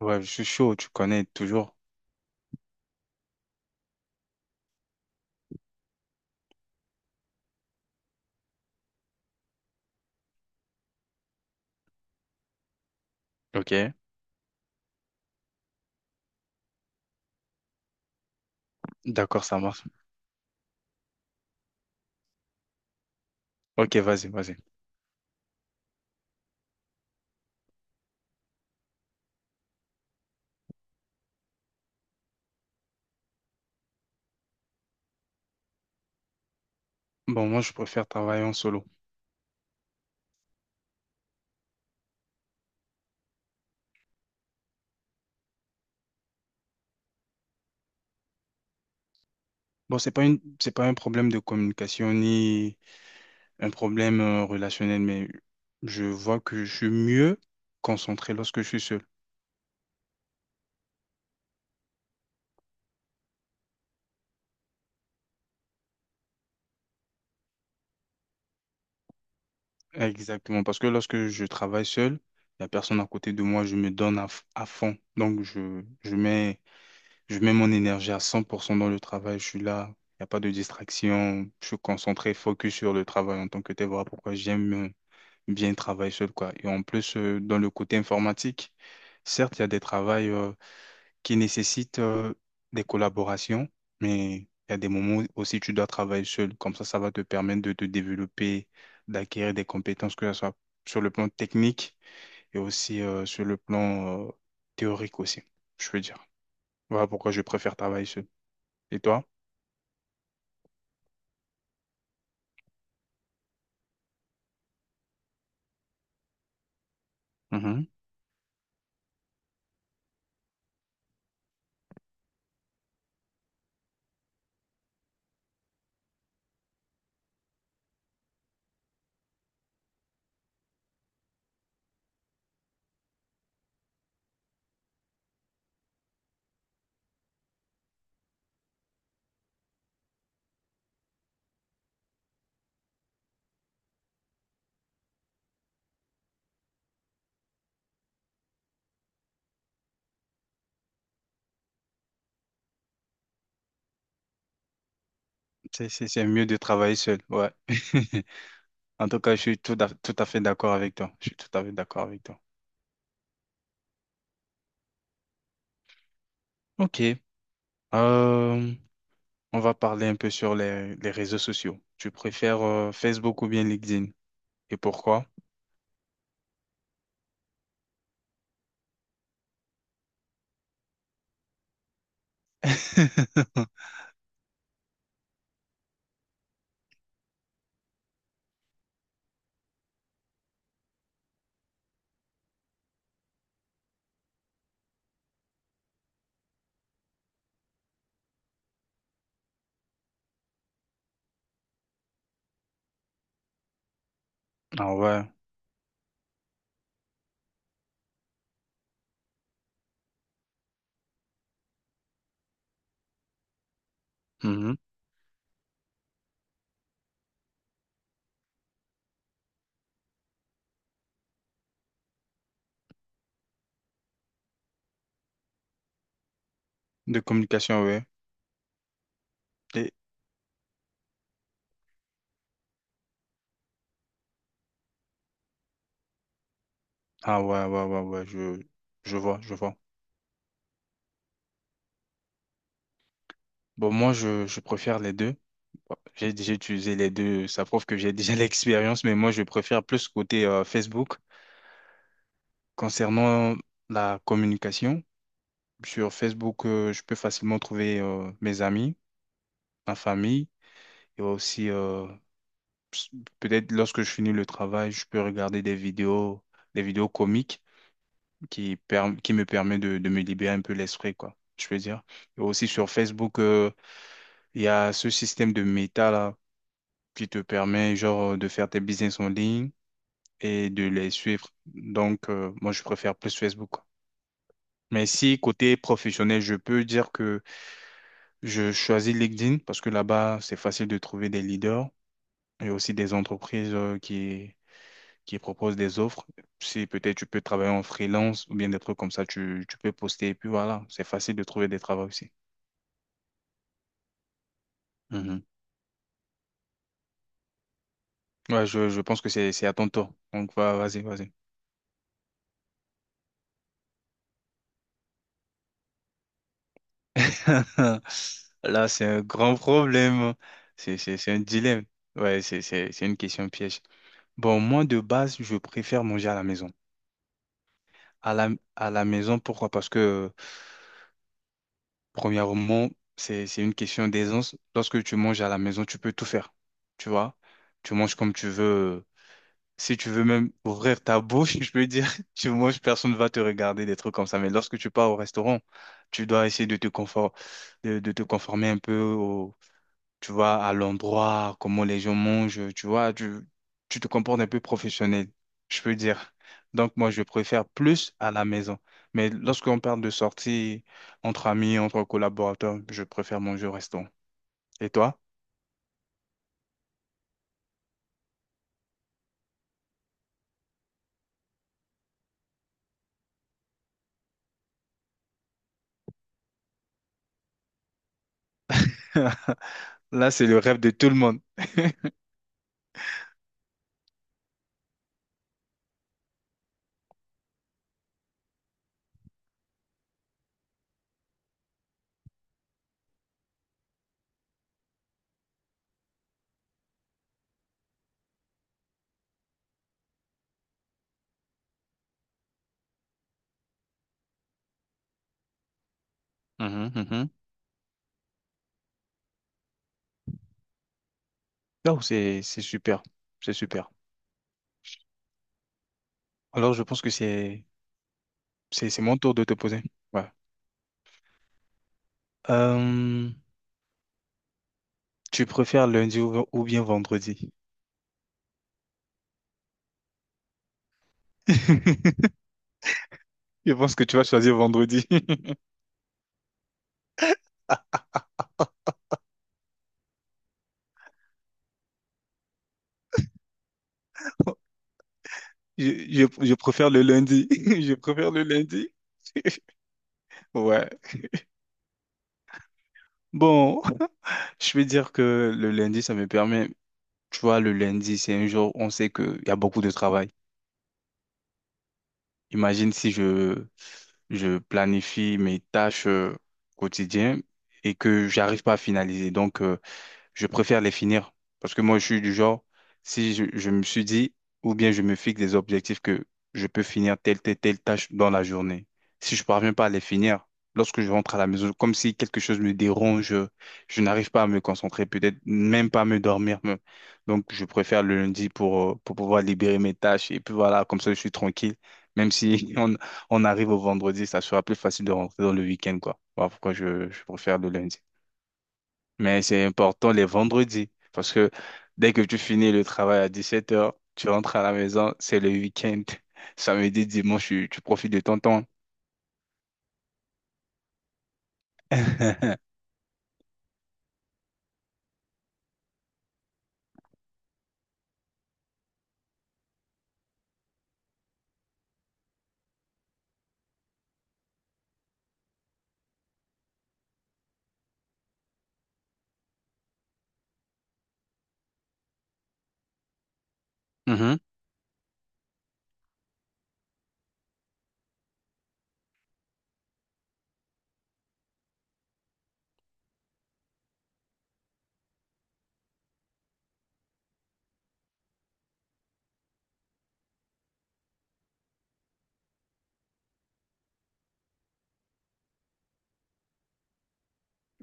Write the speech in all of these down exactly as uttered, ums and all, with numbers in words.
Ouais, je suis chaud, tu connais toujours. Ok, d'accord, ça marche. Ok, vas-y, vas-y. Bon, moi, je préfère travailler en solo. Bon, c'est pas une, c'est pas un problème de communication ni un problème euh, relationnel, mais je vois que je suis mieux concentré lorsque je suis seul. Exactement, parce que lorsque je travaille seul, il n'y a personne à côté de moi, je me donne à, f- à fond. Donc, je, je mets Je mets mon énergie à cent pour cent dans le travail, je suis là, il n'y a pas de distraction, je suis concentré, focus sur le travail en tant que tel. Voilà pourquoi j'aime euh, bien travailler seul, quoi. Et en plus, euh, dans le côté informatique, certes, il y a des travails euh, qui nécessitent euh, des collaborations, mais il y a des moments aussi tu dois travailler seul. Comme ça, ça va te permettre de te développer, d'acquérir des compétences, que ce soit sur le plan technique et aussi euh, sur le plan euh, théorique aussi, je veux dire. Voilà pourquoi je préfère travailler seul. Et toi? Mhm. C'est, c'est, c'est mieux de travailler seul, ouais. En tout cas, je suis tout, à- tout à fait d'accord avec toi. Je suis tout à fait d'accord avec toi. Ok. Euh, on va parler un peu sur les, les réseaux sociaux. Tu préfères euh, Facebook ou bien LinkedIn? Et pourquoi? Ah ouais. Mhm. De communication, ouais. Et... Ah ouais, ouais, ouais, ouais, je, je vois, je vois. Bon, moi, je, je préfère les deux. Bon, J'ai déjà utilisé les deux, ça prouve que j'ai déjà l'expérience, mais moi, je préfère plus côté euh, Facebook. Concernant la communication, sur Facebook, euh, je peux facilement trouver euh, mes amis, ma famille, et aussi euh, s- peut-être lorsque je finis le travail, je peux regarder des vidéos, des vidéos comiques qui, perm- qui me permet de, de me libérer un peu l'esprit, quoi, je peux dire. Et aussi sur Facebook, euh, il y a ce système de méta là qui te permet genre de faire tes business en ligne et de les suivre. Donc, euh, moi, je préfère plus Facebook, quoi. Mais si côté professionnel, je peux dire que Je choisis LinkedIn parce que là-bas, c'est facile de trouver des leaders et aussi des entreprises euh, qui, qui proposent des offres. Si peut-être tu peux travailler en freelance ou bien des trucs comme ça, tu, tu peux poster et puis voilà, c'est facile de trouver des travaux aussi. Mhm. Ouais, je, je pense que c'est, c'est à ton tour. Donc, va, vas-y, vas-y. Là, c'est un grand problème. C'est, c'est, c'est un dilemme. Ouais, c'est, c'est, c'est une question piège. Bon, moi, de base, je préfère manger à la maison. À la, à la maison, pourquoi? Parce que Premièrement, c'est, c'est une question d'aisance. Lorsque tu manges à la maison, tu peux tout faire. Tu vois? Tu manges comme tu veux. Si tu veux même ouvrir ta bouche, je peux dire, tu manges, personne ne va te regarder, des trucs comme ça. Mais lorsque tu pars au restaurant, tu dois essayer de te confort, de, de te conformer un peu tu vois, à l'endroit, comment les gens mangent, tu vois, tu, tu te comportes un peu professionnel, je peux dire. Donc, moi, je préfère plus à la maison. Mais lorsqu'on parle de sortie entre amis, entre collaborateurs, je préfère manger au restaurant. Et toi? Là, c'est le rêve de tout le monde. Mhm, mhm. Oh, c'est, c'est super. C'est super. Alors, je pense que c'est, c'est, c'est mon tour de te poser. Ouais. Euh, Tu préfères lundi ou ou bien vendredi? Je pense que tu vas choisir vendredi. Je, je, je préfère le lundi. Je préfère le lundi. Ouais. Bon, je vais dire que le lundi, ça me permet. Tu vois, le lundi, c'est un jour, où on sait qu'il y a beaucoup de travail. Imagine si je, je planifie mes tâches euh, quotidiennes et que j'arrive pas à finaliser. Donc, euh, je préfère les finir. Parce que moi, je suis du genre, si je, je me suis dit, ou bien je me fixe des objectifs que je peux finir telle, telle, telle tâche dans la journée. Si je parviens pas à les finir, lorsque je rentre à la maison, comme si quelque chose me dérange, je, je n'arrive pas à me concentrer, peut-être même pas à me dormir. me- Donc, je préfère le lundi pour, euh, pour pouvoir libérer mes tâches. Et puis voilà, comme ça, je suis tranquille. Même si on, on arrive au vendredi, ça sera plus facile de rentrer dans le week-end, quoi. Voilà pourquoi je, je préfère le lundi. Mais c'est important les vendredis, parce que dès que tu finis le travail à dix-sept heures, tu rentres à la maison, c'est le week-end. Samedi, dimanche, tu, tu profites de ton temps. Mhm.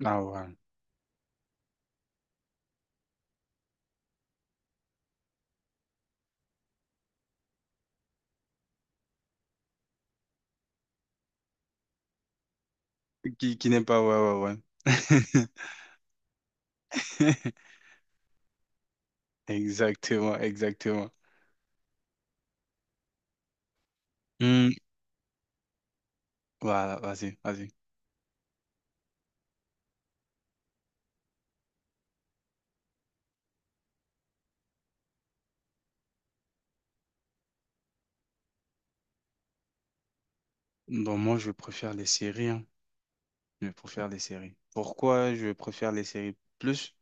Ah ouais. Qui, qui n'aime pas, ouais, ouais, ouais. Exactement, exactement. Hmm, Voilà, vas-y, vas-y. Bon, moi, je préfère les séries, hein. Je préfère les séries. Pourquoi je préfère les séries plus?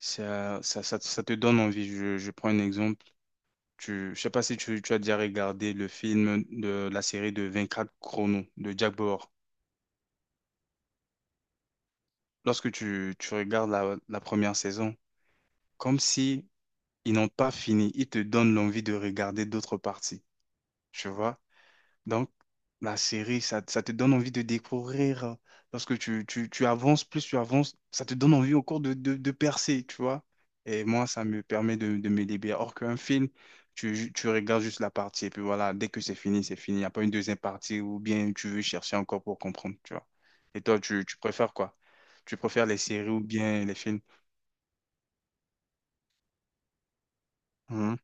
Ça, ça, ça, ça te donne envie. Je, je prends un exemple. Tu, je sais pas si tu, tu as déjà regardé le film de la série de vingt-quatre chronos de Jack Bauer. Lorsque tu, tu regardes la, la première saison, comme si ils n'ont pas fini, ils te donnent l'envie de regarder d'autres parties. Tu vois? Donc, la série, ça, ça te donne envie de découvrir. hein, Parce que tu, tu, tu avances, plus tu avances, ça te donne envie au cours de, de, de percer, tu vois. Et moi, ça me permet de, de me libérer. Or qu'un film, tu, ju- tu regardes juste la partie, et puis voilà, dès que c'est fini, c'est fini. Il n'y a pas une deuxième partie ou bien tu veux chercher encore pour comprendre, tu vois. Et toi, tu, tu préfères quoi? Tu préfères les séries ou bien les films? Mhm.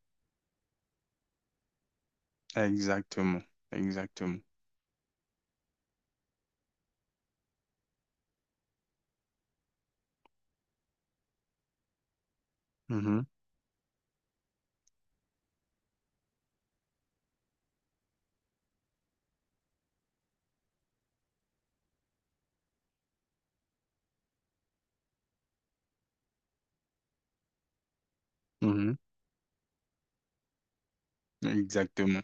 Exactement, exactement. Mhm. Mhm. Exactement,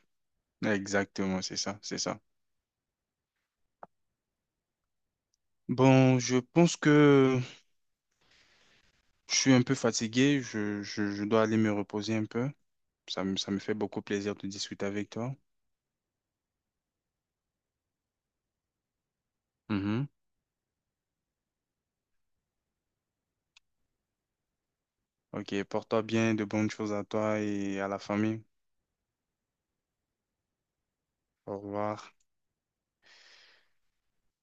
exactement, c'est ça, c'est ça. Bon, je pense que je suis un peu fatigué. Je, je, je dois aller me reposer un peu. Ça me, ça me fait beaucoup plaisir de discuter avec toi. Mhm. Ok, porte-toi bien, de bonnes choses à toi et à la famille. Au revoir.